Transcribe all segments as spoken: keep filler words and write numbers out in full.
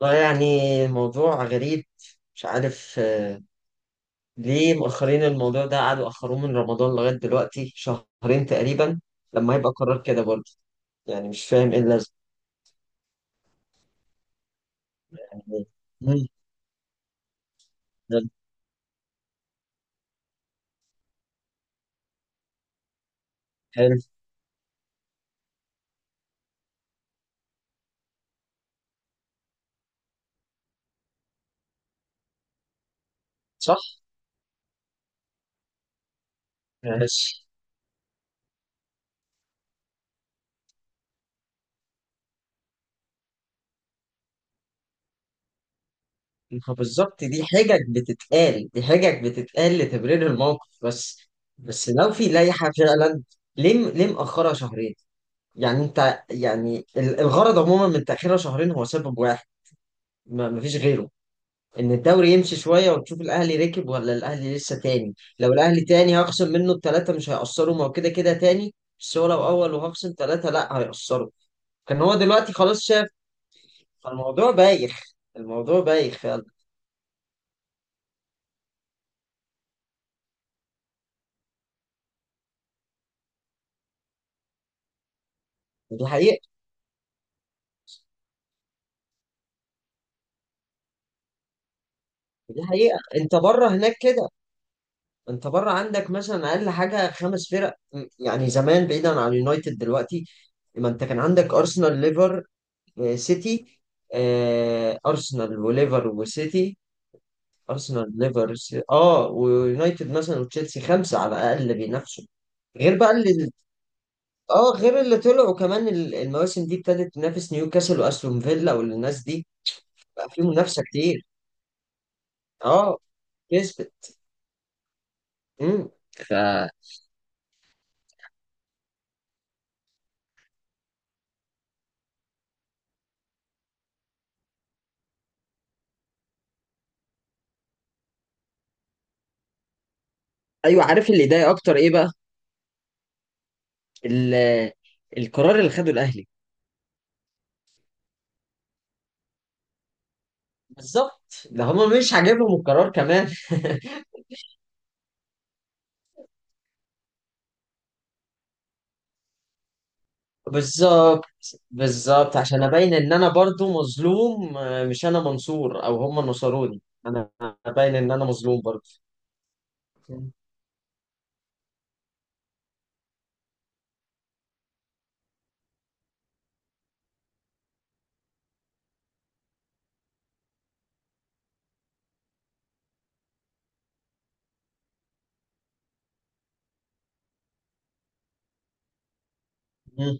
والله يعني موضوع غريب، مش عارف آه، ليه مؤخرين الموضوع ده، قعدوا أخروه من رمضان لغاية دلوقتي، شهرين تقريبا. لما يبقى قرار كده برضه، يعني مش فاهم ايه اللازمة. يعني. مم، ده. حلو. صح. ماشي. ما بالظبط، دي حجج بتتقال، دي حجج بتتقال لتبرير الموقف بس بس لو في لائحة فعلا، ليه ليه مأخرها شهرين؟ يعني انت، يعني ال- الغرض عموما من تأخيرها شهرين هو سبب واحد، ما فيش غيره. ان الدوري يمشي شويه وتشوف الاهلي ركب ولا الاهلي لسه تاني. لو الاهلي تاني هخصم منه التلاته مش هيأثروا، ما هو كده كده تاني. بس هو لو اول وهخصم تلاته، لا هيأثروا. كان هو دلوقتي خلاص شاف. الموضوع بايخ، الموضوع بايخ فعلا. دي حقيقه، دي حقيقه، انت بره هناك كده. انت بره عندك مثلا اقل حاجه خمس فرق، م- يعني زمان بعيدا عن اليونايتد دلوقتي. ما انت كان عندك ارسنال، ليفر، آه، سيتي، آه، ارسنال وليفر وسيتي. ارسنال، ليفر، سي- اه ويونايتد مثلا وتشيلسي، خمسه على الاقل بينافسوا. غير بقى اللي، اه غير اللي طلعوا كمان ال- المواسم دي ابتدت تنافس نيوكاسل واستون فيلا والناس دي. بقى في منافسه كتير. اه. كسبت. امم ف ايوه، عارف اللي ضايق اكتر ايه بقى؟ ال- القرار اللي خده الاهلي. بالظبط، ده هم مش عاجبهم القرار كمان. بالظبط، بالظبط عشان ابين ان انا برضو مظلوم، آه، مش انا منصور او هم نصروني. انا ابين ان انا مظلوم برضو. مم.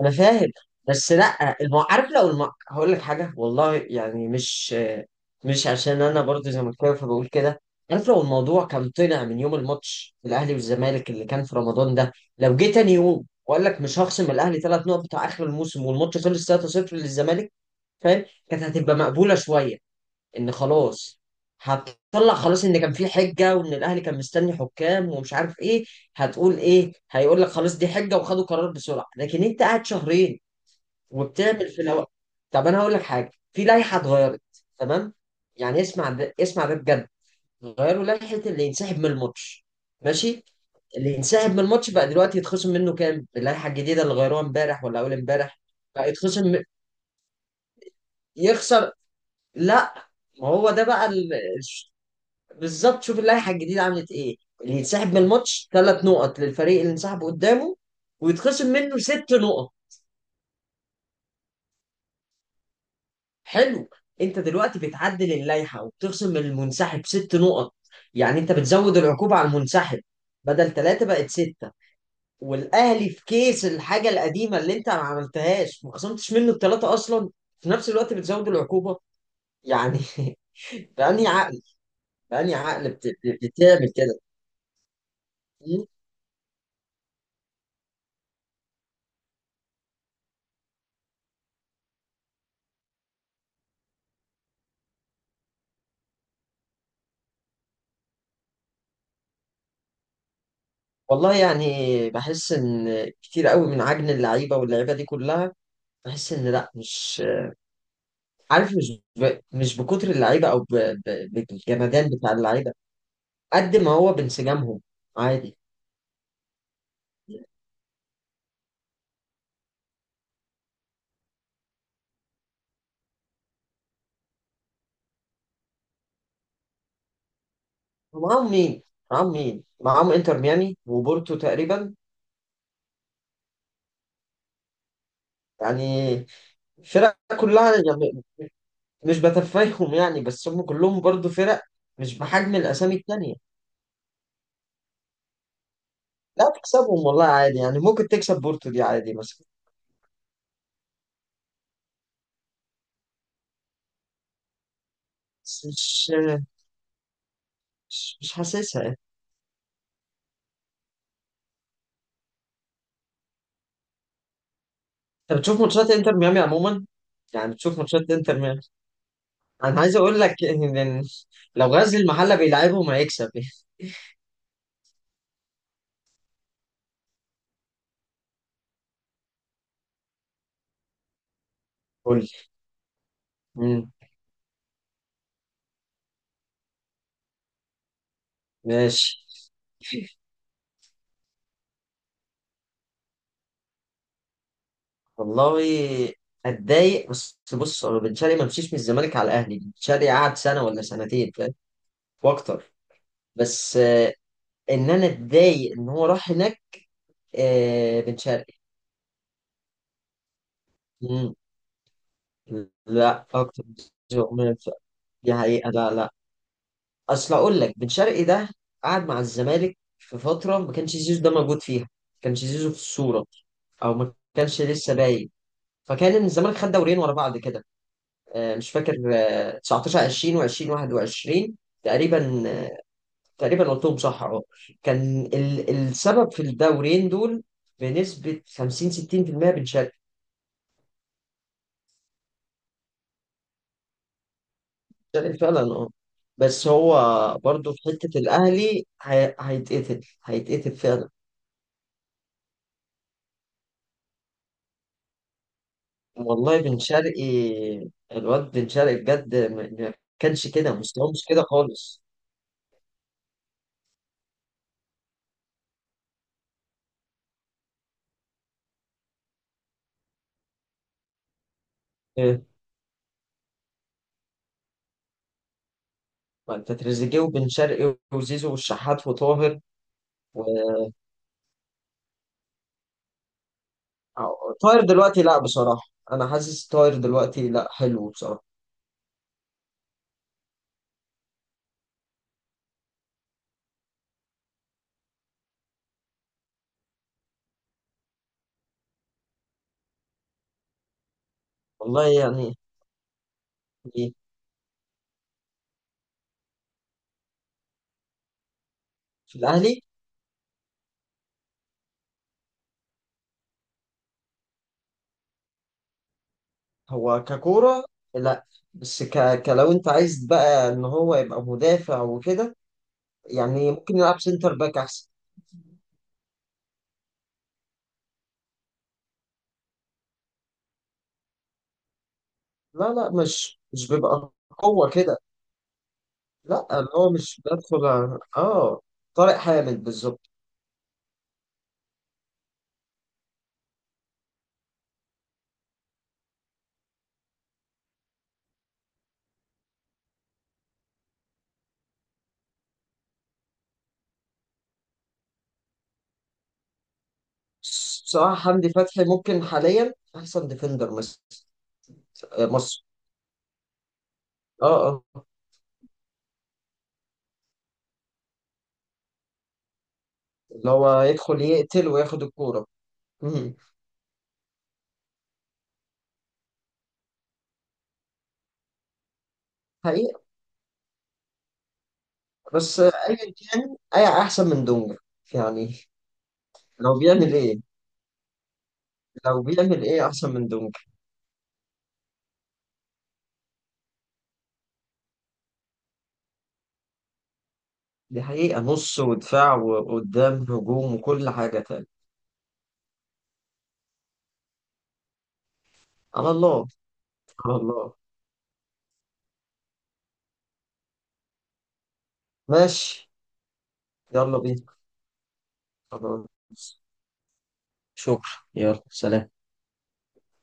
انا فاهم. بس لا الم... عارف، لو الم... هقول لك حاجه، والله يعني مش آه، مش عشان انا برضو زي ما كنت فبقول كده. عارف لو الموضوع كان طلع من يوم الماتش الاهلي والزمالك اللي كان في رمضان ده، لو جه تاني يوم واقول لك مش هخصم الاهلي ثلاث نقط بتاع اخر الموسم، والماتش خلص ثلاثه صفر للزمالك، فاهم، كانت هتبقى مقبوله شويه. ان خلاص هتطلع خلاص ان كان في حجه، وان الاهلي كان مستني حكام ومش عارف ايه. هتقول ايه؟ هيقول لك خلاص دي حجه وخدوا قرار بسرعه. لكن انت قاعد شهرين وبتعمل في الهواء. طب انا هقول لك حاجه، في لائحه اتغيرت. تمام، يعني اسمع ده، اسمع ده بجد. غيروا لائحه اللي ينسحب من الماتش. ماشي. اللي ينسحب من الماتش بقى دلوقتي يتخصم منه كام؟ اللائحه الجديده اللي غيروها امبارح ولا اول امبارح؟ بقى يتخصم. يخسر. لا، ما هو ده بقى. بالظبط، شوف اللائحه الجديده عملت ايه. اللي يتسحب من الماتش، ثلاث نقط للفريق اللي انسحب قدامه، ويتخصم منه ست نقط. حلو. انت دلوقتي بتعدل اللائحه وبتخصم من المنسحب ست نقط، يعني انت بتزود العقوبه على المنسحب. بدل ثلاثه بقت سته. والاهلي في كيس الحاجه القديمه اللي انت ما عملتهاش، ما خصمتش منه الثلاثه اصلا. في نفس الوقت بتزود العقوبه، يعني بأني عقل بأني عقل بت- بت- بتعمل كده. والله يعني بحس ان كتير قوي من عجن اللعيبه واللعيبه دي كلها. بحس ان لا، مش عارف، مش ب... مش بكتر اللعيبه، او ب... ب... بالجمدان بتاع اللعيبه قد ما هو بانسجامهم. عادي. ومعاهم مين؟ معاهم مين؟ معاهم انتر ميامي وبورتو تقريبا. يعني فرق كلها يعني مش بتفاهم، يعني، بس هم كلهم برضو فرق، مش بحجم الاسامي التانية. لا تكسبهم والله عادي، يعني ممكن تكسب بورتو دي عادي مثلا. بس مش مش مش حاسسها. انت بتشوف ماتشات انتر ميامي عموما، يعني بتشوف ماتشات انتر ميامي. انا عايز اقول لك ان إن لو غزل المحله بيلعبهم هيكسب قول لي. مم، ماشي، والله اتضايق، بس بص، هو بن شرقي ما مشيش من الزمالك على الاهلي. بن شرقي قعد سنه ولا سنتين، فاهم، واكتر. بس آه، ان انا اتضايق ان هو راح هناك. آه، بن شرقي. مم، لا اكتر من- دي حقيقه. لا لا، اصل اقول لك بن شرقي ده قعد مع الزمالك في فتره ما كانش زيزو ده موجود فيها، ما كانش زيزو في الصوره، او ما كانش لسه باين. فكان إن الزمالك خد دورين ورا بعض كده. آه، مش فاكر آه، تسعة عشر عشرين و20 واحد وعشرين تقريبا. آه، تقريبا قلتهم صح اهو. كان ال- السبب في الدورين دول بنسبه خمسين ستين في المية بن شرقي. بن شرقي فعلا. اه. بس هو برضه في حته الاهلي، هي- هيتقتل، هيتقتل فعلا. والله بن شرقي. الواد بن شرقي بجد، ما ما كانش كده، مستواه مش كده خالص. إيه، ما انت تريزيجيه وبن شرقي وزيزو والشحات وطاهر. و- طاهر دلوقتي لا، بصراحة أنا حاسس طاهر دلوقتي لا، حلو بصراحة. والله يعني. إيه، في الأهلي هو ككورة؟ لا بس ك... كلو، أنت عايز بقى إن هو يبقى مدافع وكده، يعني ممكن يلعب سنتر باك أحسن. لا لا، مش مش بيبقى قوة كده. لا، اللي هو مش بدخل على- اه طارق حامد بالظبط. بس بصراحة حمدي فتحي ممكن حاليا أحسن ديفندر مصر. مصر. اه اه. اللي هو يدخل يقتل وياخد الكورة. مم. حقيقة. بس أيا كان، أي أحسن من دونجا يعني. لو بيعمل إيه؟ لو بيعمل إيه أحسن من دونجا؟ دي حقيقة، نص ودفاع وقدام هجوم وكل حاجة تاني. على الله. على الله. ماشي. يلا بينا. خلاص. شكرا، يلا سلام.